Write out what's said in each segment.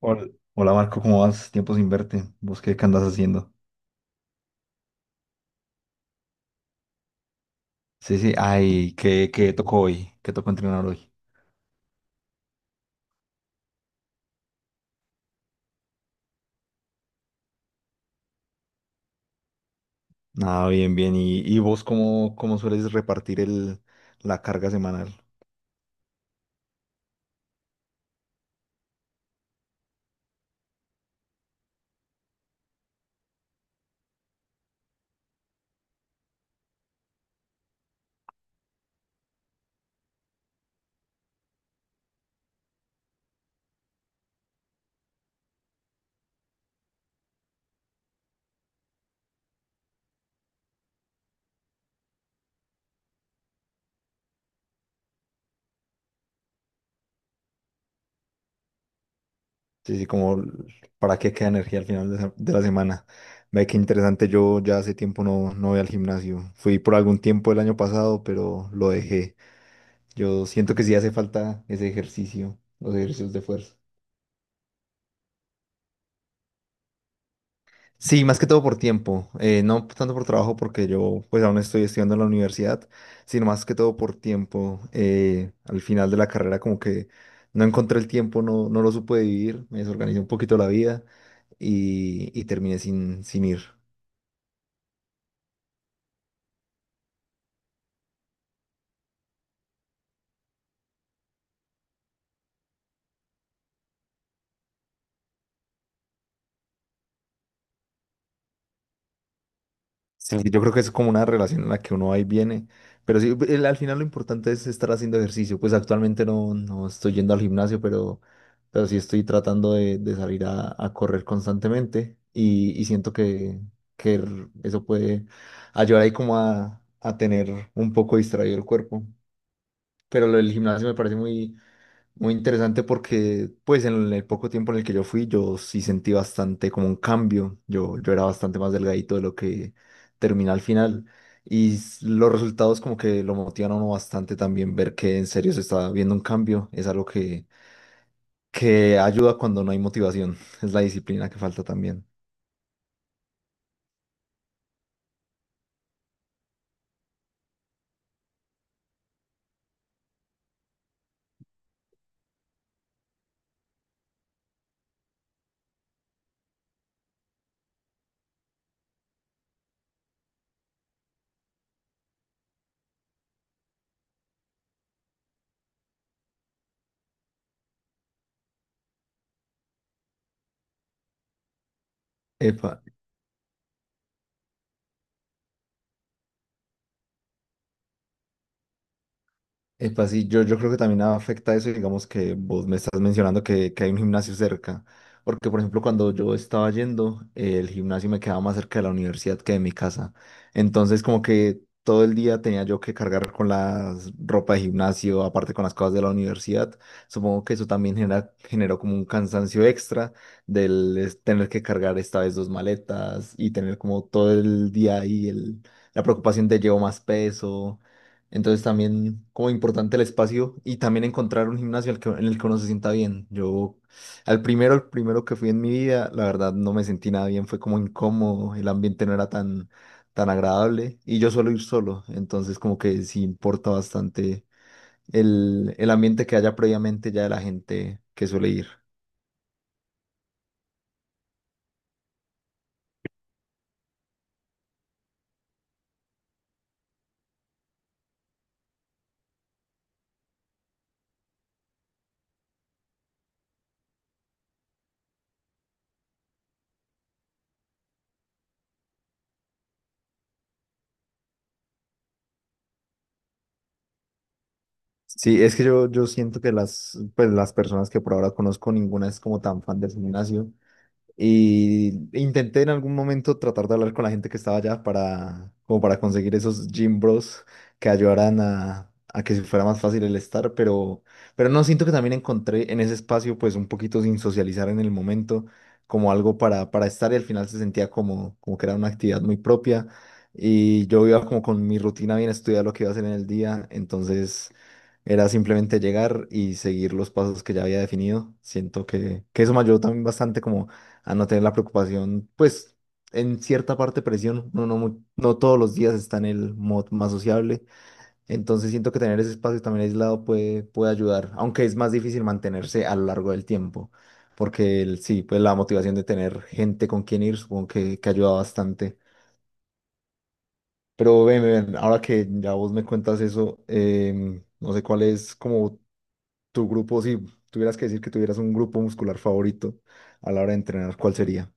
Hola, hola, Marco, ¿cómo vas? Tiempo sin verte. Vos qué andas haciendo? Sí, sí, ay, ¿qué tocó hoy? ¿Qué tocó entrenar hoy? Ah, bien, bien. ¿Y vos cómo sueles repartir la carga semanal? Sí, sí, para qué queda energía al final de, de la semana. Ve qué interesante, yo ya hace tiempo no voy al gimnasio. Fui por algún tiempo el año pasado, pero lo dejé. Yo siento que sí hace falta ese ejercicio, los ejercicios de fuerza. Sí, más que todo por tiempo, no tanto por trabajo porque yo pues aún estoy estudiando en la universidad, sino más que todo por tiempo. Al final de la carrera como que no encontré el tiempo, no lo supe vivir, me desorganicé un poquito la vida y terminé sin ir. Sí, yo creo que es como una relación en la que uno va y viene, pero sí, al final lo importante es estar haciendo ejercicio, pues actualmente no estoy yendo al gimnasio, pero sí estoy tratando de salir a correr constantemente y siento que, eso puede ayudar ahí como a tener un poco distraído el cuerpo, pero lo del gimnasio me parece muy, muy interesante porque pues en el poco tiempo en el que yo fui yo sí sentí bastante como un cambio. Yo era bastante más delgadito de lo que terminé al final y los resultados como que lo motivan a uno bastante también ver que en serio se está viendo un cambio. Es algo que ayuda cuando no hay motivación. Es la disciplina que falta también. Epa. Epa, sí, yo creo que también afecta eso, digamos que vos me estás mencionando que hay un gimnasio cerca, porque por ejemplo cuando yo estaba yendo, el gimnasio me quedaba más cerca de la universidad que de mi casa, entonces como que todo el día tenía yo que cargar con la ropa de gimnasio, aparte con las cosas de la universidad, supongo que eso también generó como un cansancio extra del tener que cargar esta vez dos maletas y tener como todo el día ahí la preocupación de llevo más peso, entonces también como importante el espacio y también encontrar un gimnasio en el que uno se sienta bien. Yo al primero, el primero que fui en mi vida, la verdad no me sentí nada bien, fue como incómodo, el ambiente no era tan, tan agradable y yo suelo ir solo, entonces como que sí importa bastante el ambiente que haya previamente ya de la gente que suele ir. Sí, es que yo siento que las, pues, las personas que por ahora conozco, ninguna es como tan fan del gimnasio. Y intenté en algún momento tratar de hablar con la gente que estaba allá para, como para conseguir esos gym bros que ayudaran a que fuera más fácil el estar, pero no siento que también encontré en ese espacio, pues un poquito sin socializar en el momento, como algo para estar y al final se sentía como, como que era una actividad muy propia y yo iba como con mi rutina bien estudiada lo que iba a hacer en el día, entonces era simplemente llegar y seguir los pasos que ya había definido. Siento que eso me ayudó también bastante como a no tener la preocupación, pues en cierta parte presión, no, no, no todos los días está en el mod más sociable, entonces siento que tener ese espacio también aislado puede, puede ayudar, aunque es más difícil mantenerse a lo largo del tiempo, porque sí, pues la motivación de tener gente con quien ir supongo que ayuda bastante. Pero ven, ven, ahora que ya vos me cuentas eso, no sé cuál es como tu grupo, si tuvieras que decir que tuvieras un grupo muscular favorito a la hora de entrenar, ¿cuál sería?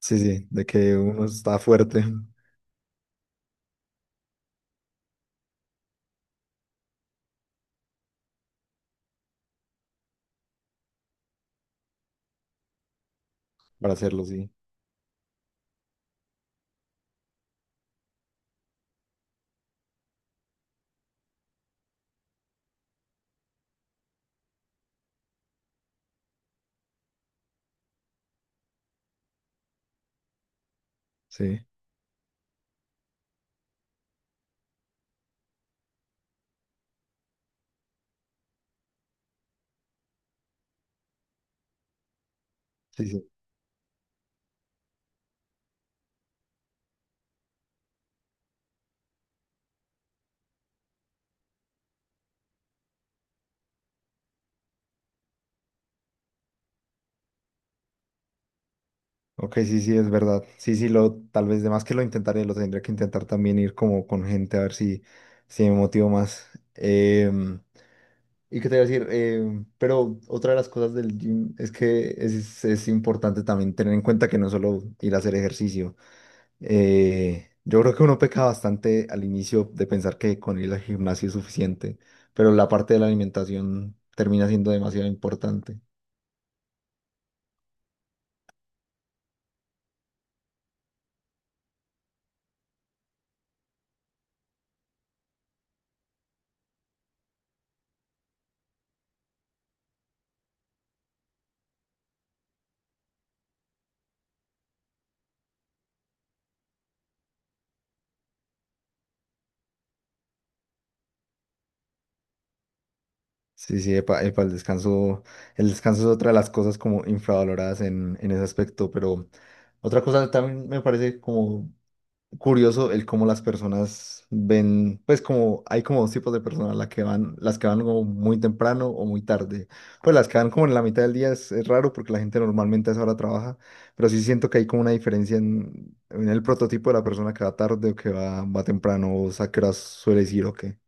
Sí, sí, de que uno está fuerte para hacerlo, sí. Sí, sí, sí. Ok, sí, sí, es verdad. Sí, sí, lo, tal vez de más que lo intentaré, lo tendré que intentar también ir como con gente a ver si, si me motivo más. Em, ¿Y qué te iba a decir? Pero otra de las cosas del gym es que es importante también tener en cuenta que no es solo ir a hacer ejercicio. Yo creo que uno peca bastante al inicio de pensar que con ir al gimnasio es suficiente, pero la parte de la alimentación termina siendo demasiado importante. Sí, sí, epa, epa, el descanso es otra de las cosas como infravaloradas en ese aspecto, pero otra cosa también me parece como curioso el cómo las personas ven, pues como hay como dos tipos de personas, las que van como muy temprano o muy tarde. Pues las que van como en la mitad del día es raro porque la gente normalmente a esa hora trabaja, pero sí siento que hay como una diferencia en el prototipo de la persona que va tarde o que va temprano, o sea, que suele ir o qué.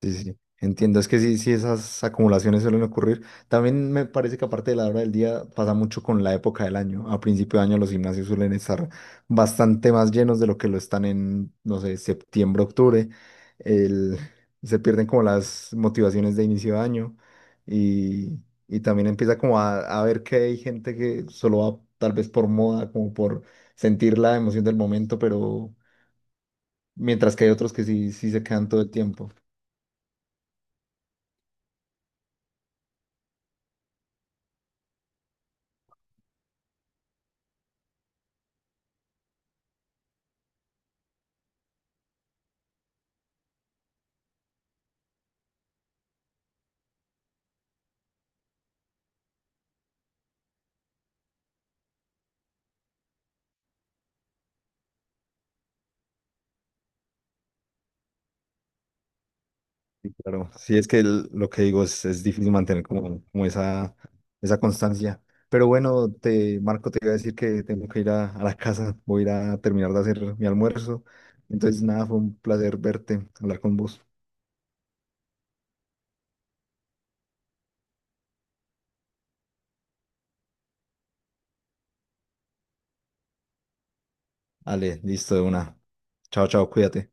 Sí, sí, entiendo. Es que sí, sí, esas acumulaciones suelen ocurrir. También me parece que aparte de la hora del día pasa mucho con la época del año. A principio de año los gimnasios suelen estar bastante más llenos de lo que lo están en, no sé, septiembre, octubre. El, se pierden como las motivaciones de inicio de año y, y también empieza como a ver que hay gente que solo va tal vez por moda, como por sentir la emoción del momento, pero mientras que hay otros que sí, sí se quedan todo el tiempo. Sí, claro, sí, es que lo que digo es difícil mantener como, como esa constancia. Pero bueno, te, Marco, te iba a decir que tengo que ir a la casa, voy a ir a terminar de hacer mi almuerzo. Entonces, nada, fue un placer verte, hablar con vos. Ale, listo, de una. Chao, chao, cuídate.